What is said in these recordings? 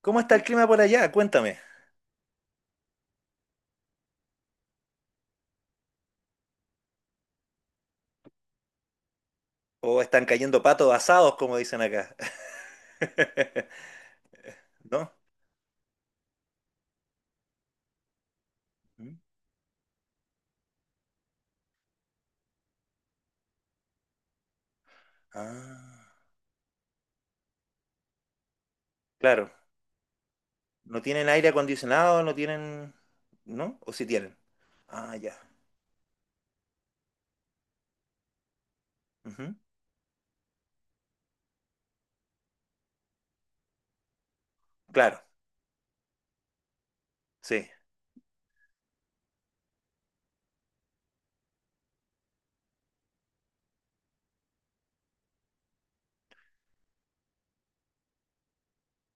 ¿Cómo está el clima por allá? Cuéntame. ¿O están cayendo patos asados, como dicen acá? ¿No? ¿Mm? Ah, claro. ¿No tienen aire acondicionado? ¿No tienen? ¿No? ¿O sí tienen? Ah, ya. Ujú. Claro, sí.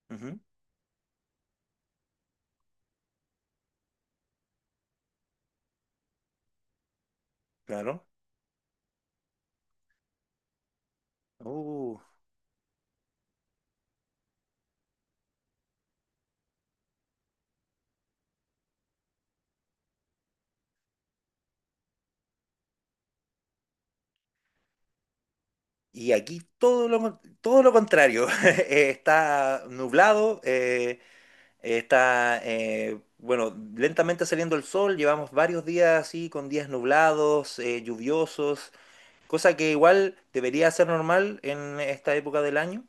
Ujú, claro. Uh, Y aquí todo lo contrario. Está nublado, está, bueno, lentamente saliendo el sol. Llevamos varios días así, con días nublados, lluviosos. Cosa que igual debería ser normal en esta época del año,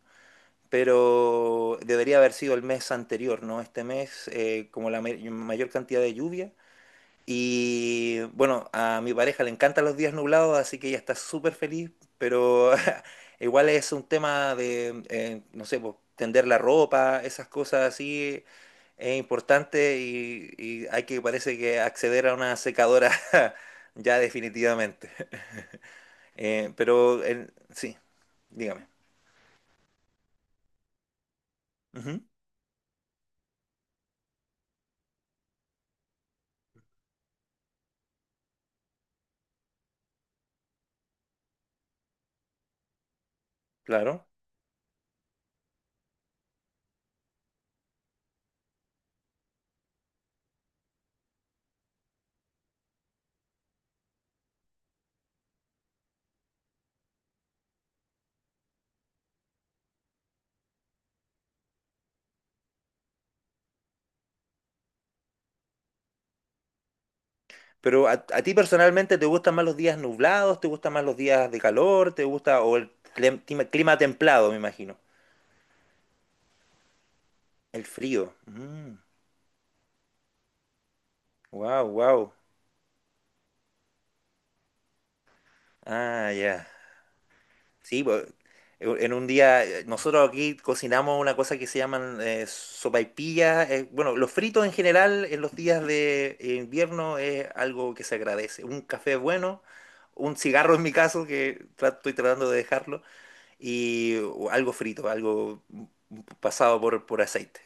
pero debería haber sido el mes anterior, ¿no? Este mes, como la mayor cantidad de lluvia. Y bueno, a mi pareja le encantan los días nublados, así que ella está súper feliz, pero igual es un tema de, no sé, pues, tender la ropa, esas cosas así, es importante y hay que, parece que, acceder a una secadora ya definitivamente. Pero sí. Dígame. Ujú, claro. Pero a ti personalmente te gustan más los días nublados, te gustan más los días de calor, te gusta o el clima templado, me imagino. El frío. Mm, wow, wow. Ah, ya. Sí, pues, en un día nosotros aquí cocinamos una cosa que se llaman sopaipillas. Bueno, los fritos en general en los días de invierno es algo que se agradece. Un café bueno, un cigarro en mi caso, que estoy tratando de dejarlo. Y o algo frito, algo pasado por aceite.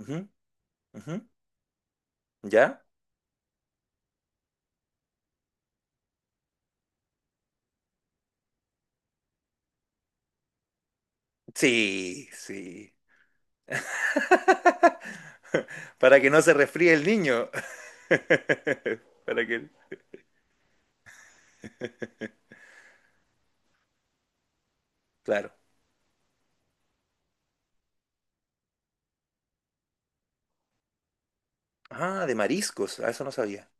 Ujú, ujú. ¿Ya? Sí, sí. Para que no se resfríe el niño. Para que. Claro. Ah, de mariscos. Ah, eso no sabía.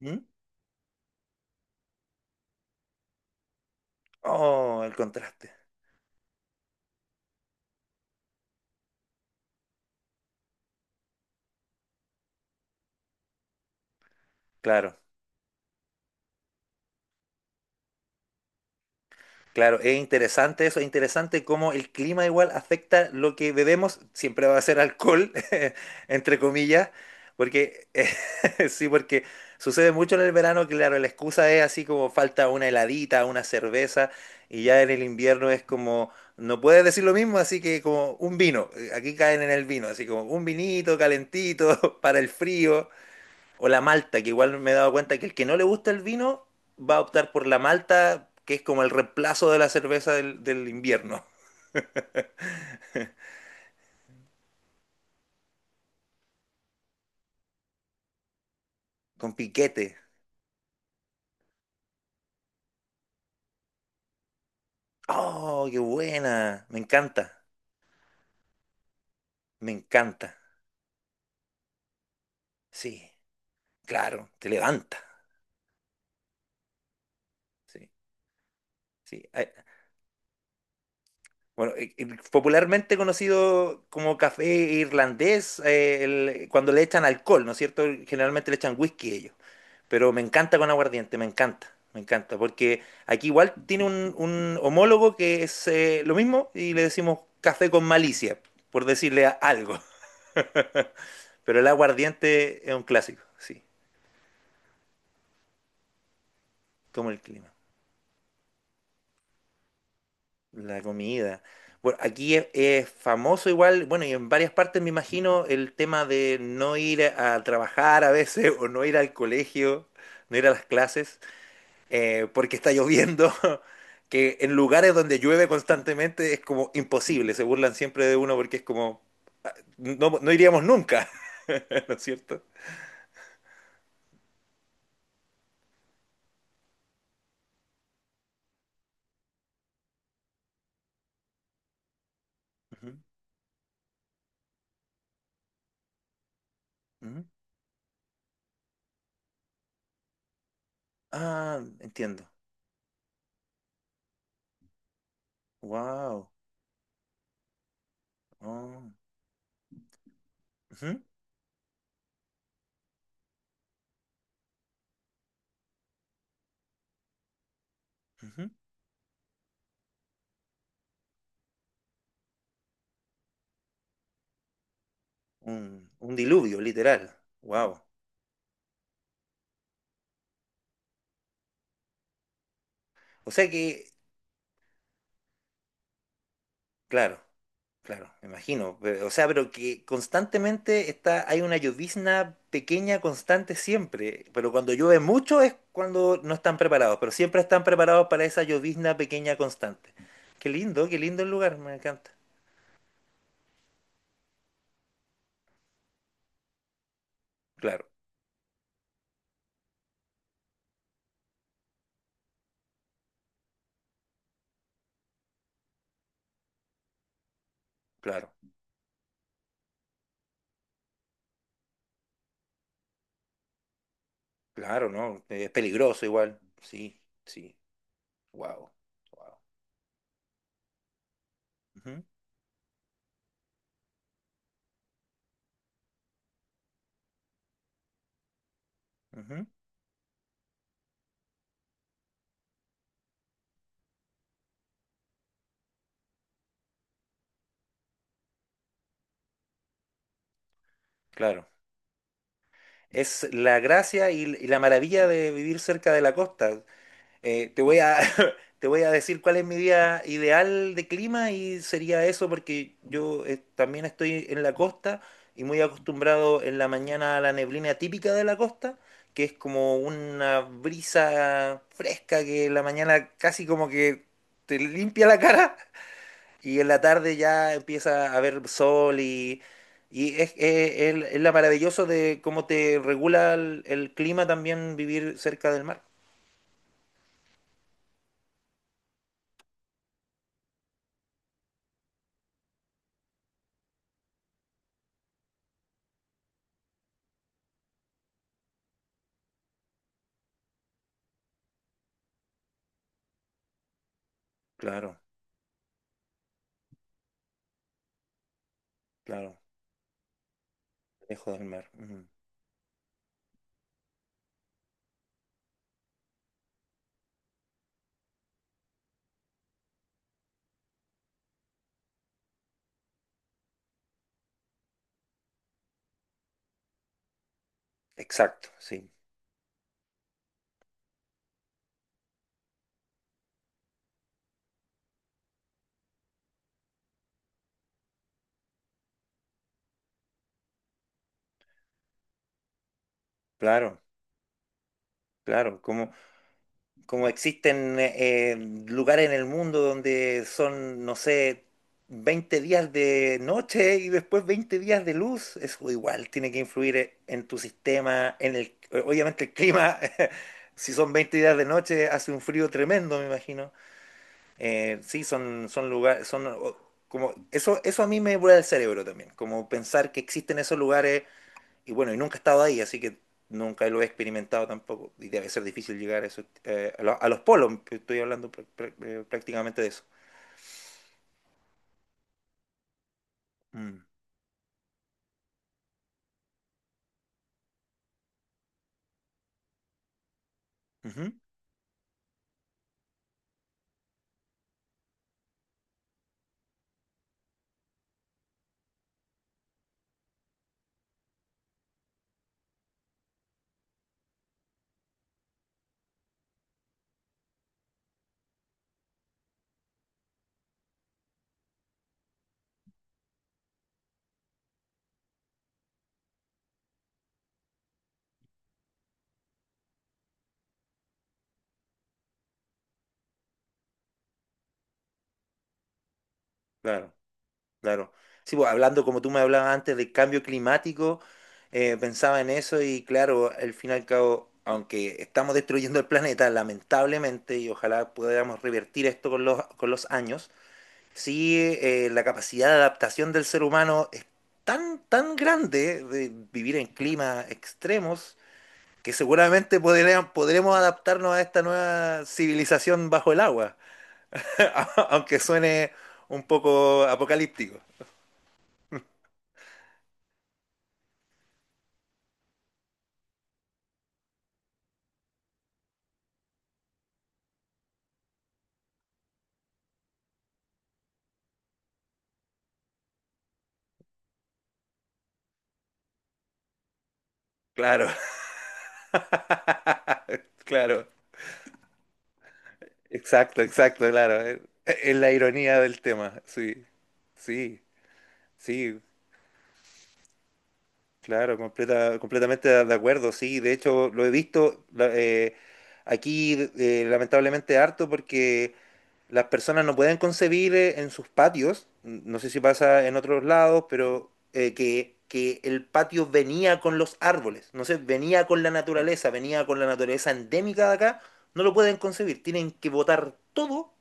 ¿Mm? Oh, el contraste. Claro. Claro, es interesante eso, es interesante cómo el clima igual afecta lo que bebemos, siempre va a ser alcohol, entre comillas, porque sí, porque sucede mucho en el verano, claro, la excusa es así como falta una heladita, una cerveza, y ya en el invierno es como, no puedes decir lo mismo, así que como un vino, aquí caen en el vino, así como un vinito calentito para el frío, o la malta, que igual me he dado cuenta que el que no le gusta el vino va a optar por la malta, que es como el reemplazo de la cerveza del invierno, con piquete. ¡Oh, qué buena! Me encanta, me encanta. Sí, claro, te levanta. Sí, sí. Ay, bueno, popularmente conocido como café irlandés, cuando le echan alcohol, ¿no es cierto? Generalmente le echan whisky ellos. Pero me encanta con aguardiente, me encanta, porque aquí igual tiene un homólogo que es lo mismo y le decimos café con malicia, por decirle algo. Pero el aguardiente es un clásico, sí, como el clima, la comida. Bueno, aquí es famoso igual, bueno, y en varias partes me imagino el tema de no ir a trabajar a veces o no ir al colegio, no ir a las clases. Porque está lloviendo, que en lugares donde llueve constantemente es como imposible, se burlan siempre de uno porque es como, ah, no, no iríamos nunca, ¿no es cierto? Ujú, ujú. Ah, entiendo. Wow. Oh, ujú, ujú. Un diluvio, literal. Wow. O sea que, claro. Claro, me imagino. Pero, o sea, pero que constantemente hay una llovizna pequeña constante siempre. Pero cuando llueve mucho es cuando no están preparados. Pero siempre están preparados para esa llovizna pequeña constante. Qué lindo el lugar, me encanta. Claro, claro, claro, ¿no? Es peligroso igual. Sí, sí. Wow. Wow. Ujú, ujú, claro. Es la gracia y la maravilla de vivir cerca de la costa. Te voy a, te voy a decir cuál es mi día ideal de clima y sería eso porque yo también estoy en la costa y muy acostumbrado en la mañana a la neblina típica de la costa, que es como una brisa fresca que en la mañana casi como que te limpia la cara y en la tarde ya empieza a haber sol y es la maravilloso de cómo te regula el clima también vivir cerca del mar. Claro, claro. Lejos del mar. Exacto, sí. Claro, claro. Como existen lugares en el mundo donde son, no sé, 20 días de noche y después 20 días de luz, eso igual tiene que influir en tu sistema, en el, obviamente el clima. Si son 20 días de noche, hace un frío tremendo, me imagino. Sí, son lugares, como, eso a mí me vuela el cerebro también, como pensar que existen esos lugares y bueno, y nunca he estado ahí, así que nunca lo he experimentado tampoco. Y debe ser difícil llegar a, eso, a los polos, estoy hablando prácticamente de eso. Mm, ujú, claro, claro. Sí, pues, hablando como tú me hablabas antes del cambio climático, pensaba en eso y claro, al fin y al cabo, aunque estamos destruyendo el planeta, lamentablemente, y ojalá podamos revertir esto con los años. Sí, la capacidad de adaptación del ser humano es tan, tan grande de vivir en climas extremos que seguramente podremos adaptarnos a esta nueva civilización bajo el agua, aunque suene un poco apocalíptico. Claro, claro, exacto, exacto, claro. Es la ironía del tema, sí, sí, sí. Claro, completa, completamente de acuerdo, sí. De hecho, lo he visto aquí lamentablemente harto porque las personas no pueden concebir en sus patios, no sé si pasa en otros lados, pero que el patio venía con los árboles, no sé, venía con la naturaleza, venía con la naturaleza endémica de acá, no lo pueden concebir. Tienen que botar todo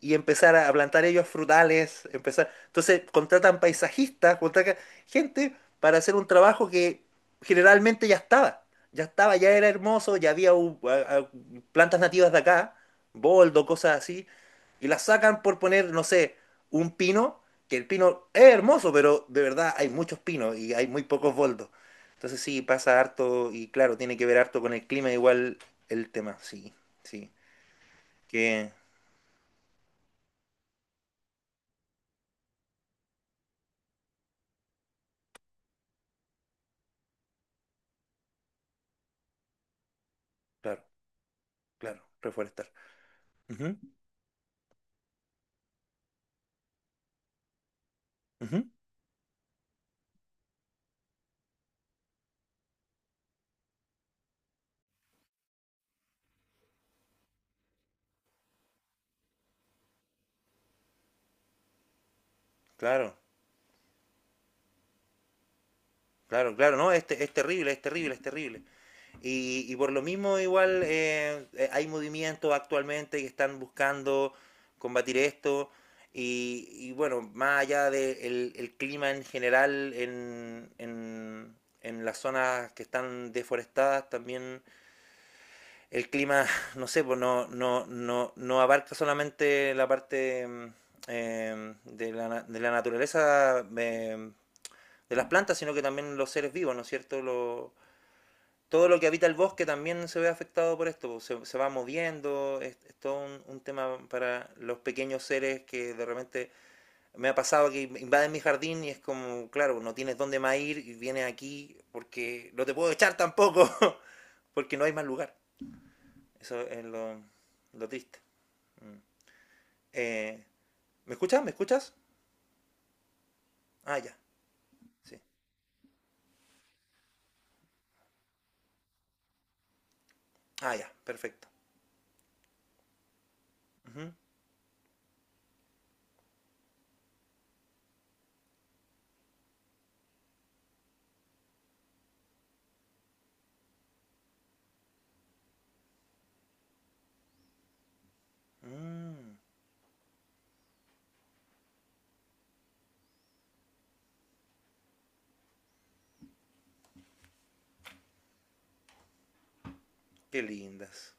y empezar a plantar ellos frutales, empezar. Entonces contratan paisajistas, contratan gente para hacer un trabajo que generalmente ya estaba. Ya estaba, ya era hermoso, ya había plantas nativas de acá, boldo, cosas así, y las sacan por poner, no sé, un pino, que el pino es hermoso, pero de verdad hay muchos pinos y hay muy pocos boldos. Entonces sí, pasa harto y claro, tiene que ver harto con el clima, igual el tema, sí, sí, que claro, claro, reforestar. Ujú, ujú. Claro, claro, claro, no, es terrible, es terrible, es terrible. Y por lo mismo igual hay movimientos actualmente que están buscando combatir esto y bueno, más allá del clima en general en las zonas que están deforestadas, también el clima, no sé, pues no abarca solamente la parte de la naturaleza de las plantas, sino que también los seres vivos, ¿no es cierto? Todo lo que habita el bosque también se ve afectado por esto, pues, se va moviendo, es todo tema para los pequeños seres que de repente me ha pasado que invaden mi jardín y es como, claro, no tienes dónde más ir y vienes aquí porque no te puedo echar tampoco, porque no hay más lugar. Eso es lo triste. Mm. Eh, ¿Me escuchas? ¿Me escuchas? Ah, ya, sí. Ah, ya, perfecto. Uh -huh. mm, qué lindas,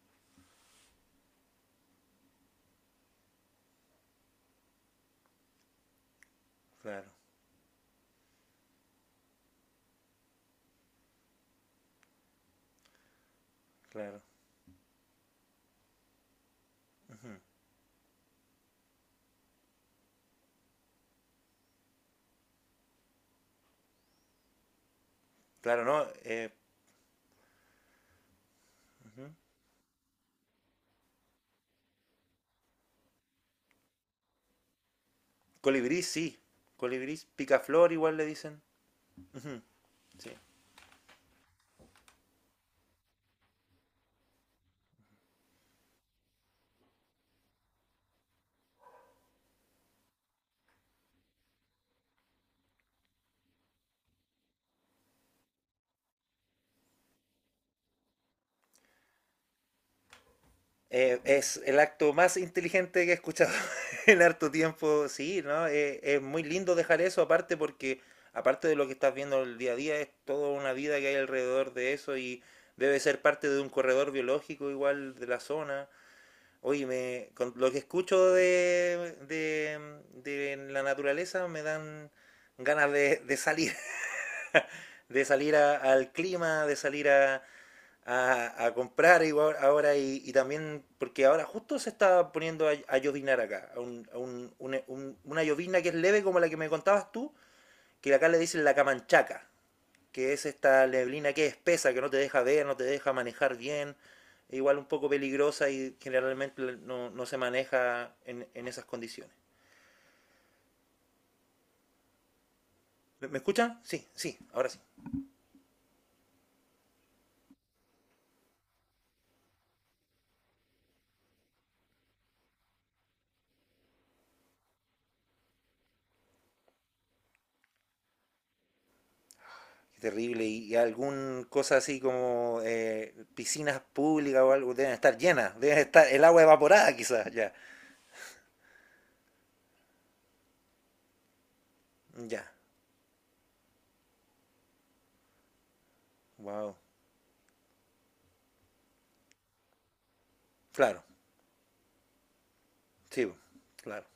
claro. Claro. Ujú. Claro, ¿no? Ujú. Colibrí sí. Colibrí picaflor igual le dicen. Ujú, sí. Es el acto más inteligente que he escuchado en harto tiempo, sí, ¿no? Es muy lindo dejar eso aparte porque, aparte de lo que estás viendo el día a día, es toda una vida que hay alrededor de eso y debe ser parte de un corredor biológico igual de la zona. Oye, con lo que escucho de la naturaleza me dan ganas de salir, al clima, de salir a, a comprar igual ahora y también porque ahora justo se está poniendo a llovinar acá, a un- una llovizna que es leve como la que me contabas tú, que acá le dicen la camanchaca, que es esta neblina que es espesa, que no te deja ver, no te deja manejar bien, e igual un poco peligrosa y generalmente no, no se maneja en esas condiciones. ¿Me escuchan? Sí, sí, ahora sí. Qué terrible. Y algún cosa así como piscinas públicas o algo deben estar llenas, deben estar el agua evaporada quizás, ya. Ya. Wow. Claro. Sí, claro.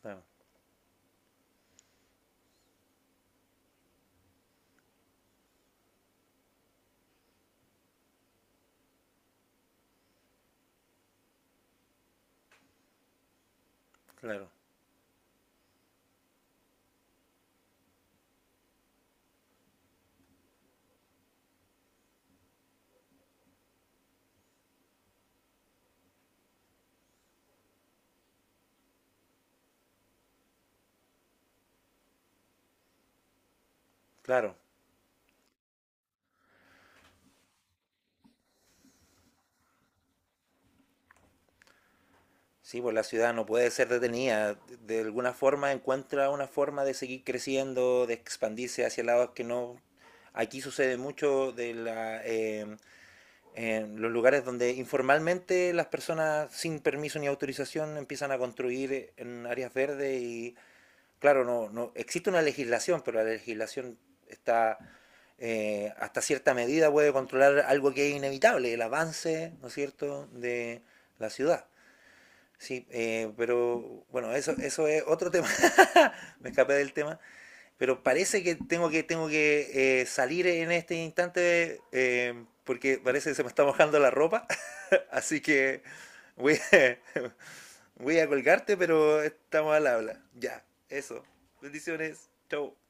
Claro. Claro. Claro. Sí, pues la ciudad no puede ser detenida. De alguna forma encuentra una forma de seguir creciendo, de expandirse hacia lados que no. Aquí sucede mucho de la en los lugares donde informalmente las personas sin permiso ni autorización empiezan a construir en áreas verdes y claro, no existe una legislación, pero la legislación está hasta cierta medida puede controlar algo que es inevitable, el avance, ¿no es cierto?, de la ciudad. Sí, pero bueno, eso es otro tema, me escapé del tema, pero parece que tengo que salir en este instante porque parece que se me está mojando la ropa. Así que voy a, voy a colgarte, pero estamos al habla. Ya, eso. Bendiciones. Chau.